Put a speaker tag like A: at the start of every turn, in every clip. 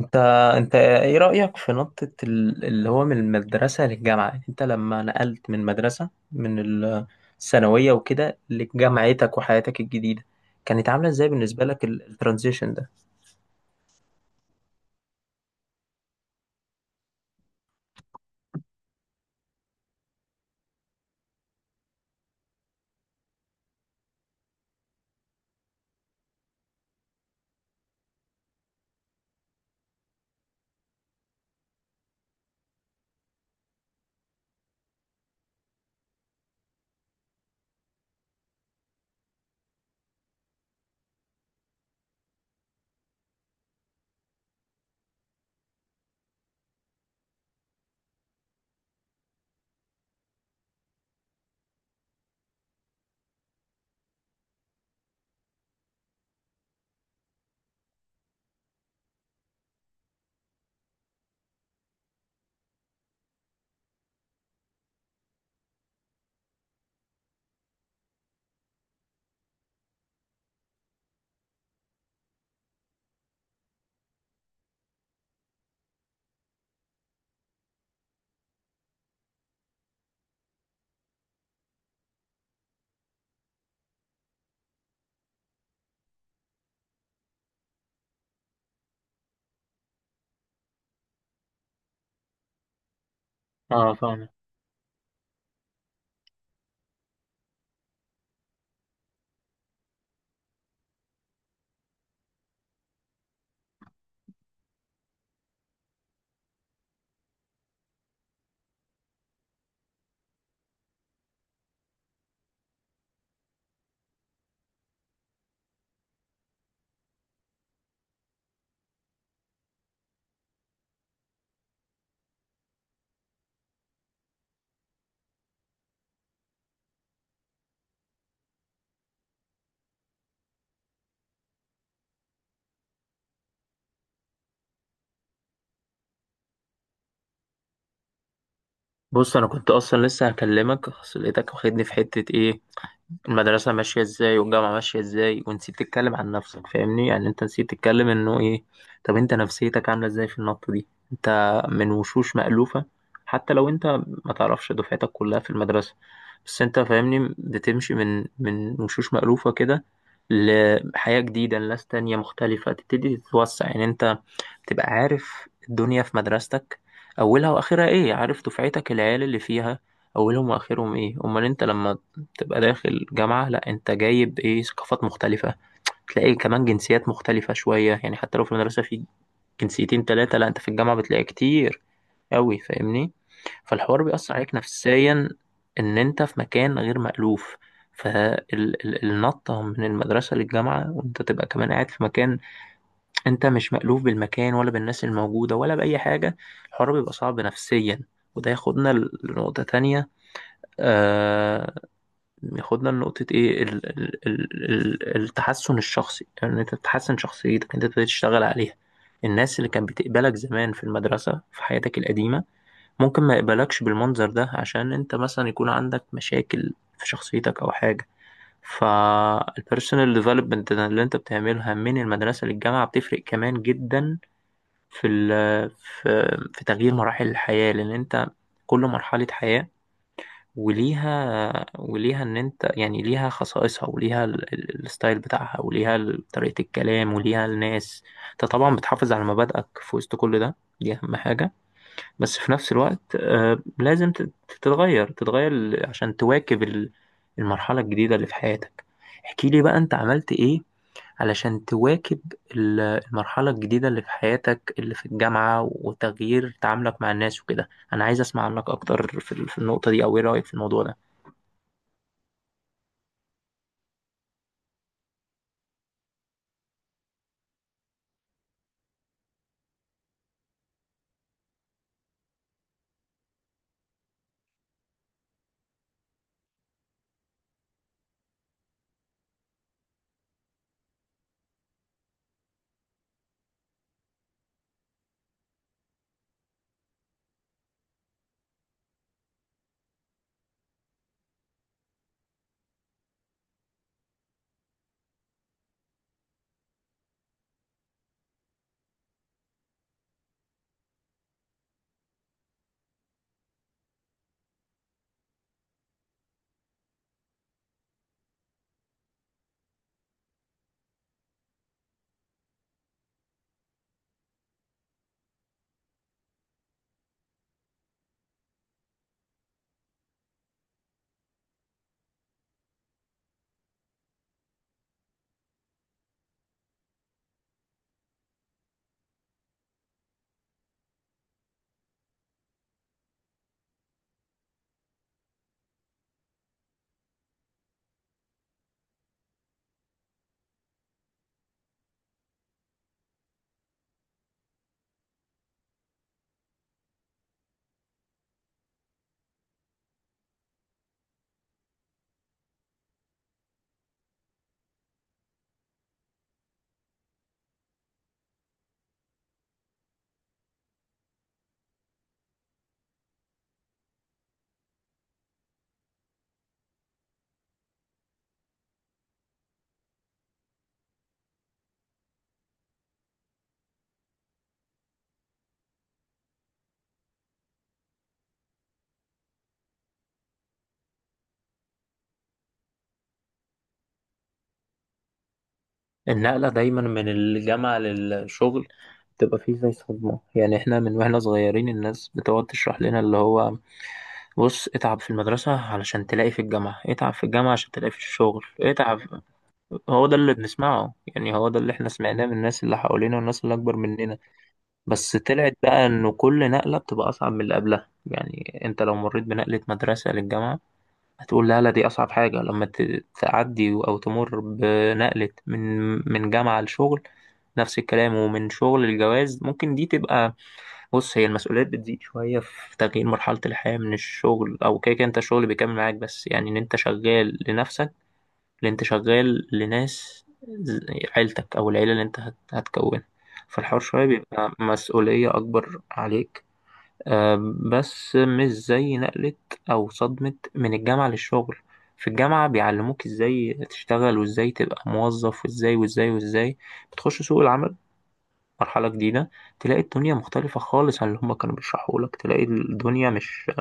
A: انت انت ايه رأيك في نقطة اللي هو من المدرسة للجامعة؟ يعني انت لما نقلت من مدرسة من الثانوية وكده لجامعتك وحياتك الجديدة، كانت عاملة ازاي بالنسبة لك الترانزيشن ده؟ اه، فاهمك. بص، انا كنت اصلا لسه هكلمك، اصل لقيتك واخدني في حتة ايه؟ المدرسة ماشية ازاي والجامعة ماشية ازاي، ونسيت تتكلم عن نفسك، فاهمني؟ يعني انت نسيت تتكلم انه ايه. طب انت نفسيتك عاملة ازاي في النقطة دي؟ انت من وشوش مألوفة، حتى لو انت ما تعرفش دفعتك كلها في المدرسة، بس انت فاهمني، بتمشي من وشوش مألوفة كده لحياة جديدة، لناس تانية مختلفة، تبتدي تتوسع. يعني انت تبقى عارف الدنيا في مدرستك، أولها وآخرها إيه، عارف دفعتك العيال اللي فيها أولهم وآخرهم إيه. أمال أنت لما تبقى داخل جامعة، لأ، أنت جايب إيه، ثقافات مختلفة، تلاقي كمان جنسيات مختلفة شوية. يعني حتى لو في المدرسة في جنسيتين تلاتة، لأ، أنت في الجامعة بتلاقي كتير أوي، فاهمني. فالحوار بيأثر عليك نفسيا، إن أنت في مكان غير مألوف. فالنطة من المدرسة للجامعة، وأنت تبقى كمان قاعد في مكان انت مش مألوف بالمكان ولا بالناس الموجودة ولا بأي حاجة، الحوار بيبقى صعب نفسيا. وده ياخدنا لنقطة تانية. آه، ياخدنا لنقطة ايه، ال ال ال ال التحسن الشخصي. ان يعني انت تحسن شخصيتك، انت تبتدي تشتغل عليها. الناس اللي كانت بتقبلك زمان في المدرسة في حياتك القديمة ممكن ما يقبلكش بالمنظر ده، عشان انت مثلا يكون عندك مشاكل في شخصيتك او حاجة. فالبيرسونال ديفلوبمنت اللي انت بتعملها من المدرسة للجامعة بتفرق كمان جدا في ال في في تغيير مراحل الحياة. لأن أنت كل مرحلة حياة وليها وليها، إن أنت يعني ليها خصائصها وليها الستايل بتاعها وليها طريقة الكلام وليها الناس. أنت طبعا بتحافظ على مبادئك في وسط كل ده، دي أهم حاجة. بس في نفس الوقت، آه، لازم تتغير عشان تواكب المرحلة الجديدة اللي في حياتك. احكي لي بقى أنت عملت إيه علشان تواكب المرحلة الجديدة اللي في حياتك، اللي في الجامعة، وتغيير تعاملك مع الناس وكده. أنا عايز أسمع عنك أكتر في في النقطة دي، أو إيه رأيك في الموضوع ده؟ النقلة دايما من الجامعة للشغل بتبقى فيه زي صدمة. يعني إحنا من وإحنا صغيرين الناس بتقعد تشرح لنا اللي هو، بص، اتعب في المدرسة علشان تلاقي في الجامعة، اتعب في الجامعة عشان تلاقي في الشغل، اتعب. هو ده اللي بنسمعه، يعني هو ده اللي إحنا سمعناه من الناس اللي حوالينا والناس اللي أكبر مننا. بس طلعت بقى انه كل نقلة بتبقى اصعب من اللي قبلها. يعني انت لو مريت بنقلة مدرسة للجامعة هتقول لا لا دي اصعب حاجة، لما تعدي او تمر بنقلة من من جامعة لشغل نفس الكلام، ومن شغل الجواز ممكن دي تبقى، بص، هي المسؤوليات بتزيد شوية في تغيير مرحلة الحياة من الشغل. او كده كده انت الشغل بيكمل معاك، بس يعني ان انت شغال لنفسك، اللي انت شغال لناس عيلتك او العيله اللي انت هتكونها. فالحوار شويه بيبقى مسؤوليه اكبر عليك. آه، بس مش زي نقله او صدمه من الجامعه للشغل. في الجامعه بيعلموك ازاي تشتغل وازاي تبقى موظف وازاي وازاي وازاي، بتخش سوق العمل، مرحله جديده، تلاقي الدنيا مختلفه خالص عن اللي هما كانوا بيشرحوا لك. تلاقي الدنيا مش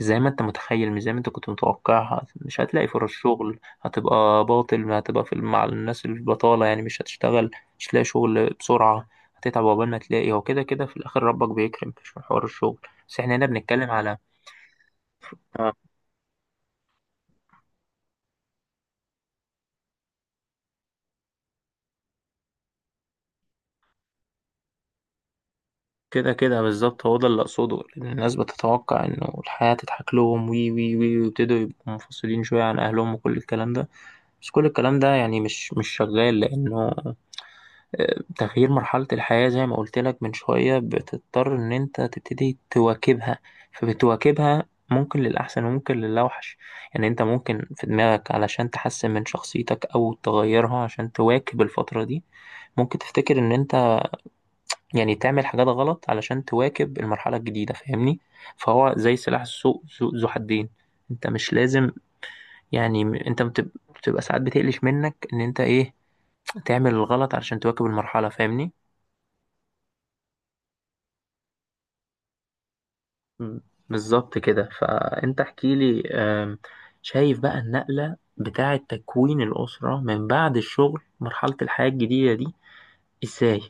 A: زي ما انت متخيل، مش زي ما انت كنت متوقعها، مش هتلاقي فرص شغل، هتبقى باطل، هتبقى في مع الناس البطالة، يعني مش هتشتغل، مش هتلاقي شغل بسرعة، هتتعب عقبال ما تلاقي. هو كده كده في الآخر ربك بيكرم، مش من حوار الشغل. بس احنا هنا بنتكلم على، اه، كده كده بالظبط، هو ده اللي أقصده. لأن الناس بتتوقع إنه الحياة تضحك لهم، وي وي وي، ويبتدوا يبقوا منفصلين شوية عن أهلهم وكل الكلام ده. بس كل الكلام ده يعني مش شغال، لأنه تغيير مرحلة الحياة زي ما قلت لك من شوية، بتضطر إن أنت تبتدي تواكبها. فبتواكبها ممكن للأحسن وممكن للأوحش. يعني أنت ممكن في دماغك علشان تحسن من شخصيتك أو تغيرها عشان تواكب الفترة دي، ممكن تفتكر إن أنت يعني تعمل حاجات غلط علشان تواكب المرحلة الجديدة، فاهمني. فهو زي سلاح ذو حدين. أنت مش لازم، يعني، أنت بتبقى ساعات بتقلش منك إن أنت إيه، تعمل الغلط علشان تواكب المرحلة، فاهمني. مم. بالظبط كده. فأنت احكي لي، شايف بقى النقلة بتاعة تكوين الأسرة من بعد الشغل، مرحلة الحياة الجديدة دي، إزاي؟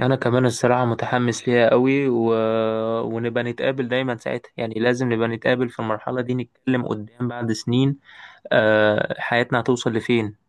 A: أنا كمان الصراحة متحمس ليها قوي. ونبقى نتقابل دايما ساعتها، يعني لازم نبقى نتقابل في المرحلة دي، نتكلم قدام بعد سنين. آه، حياتنا هتوصل لفين.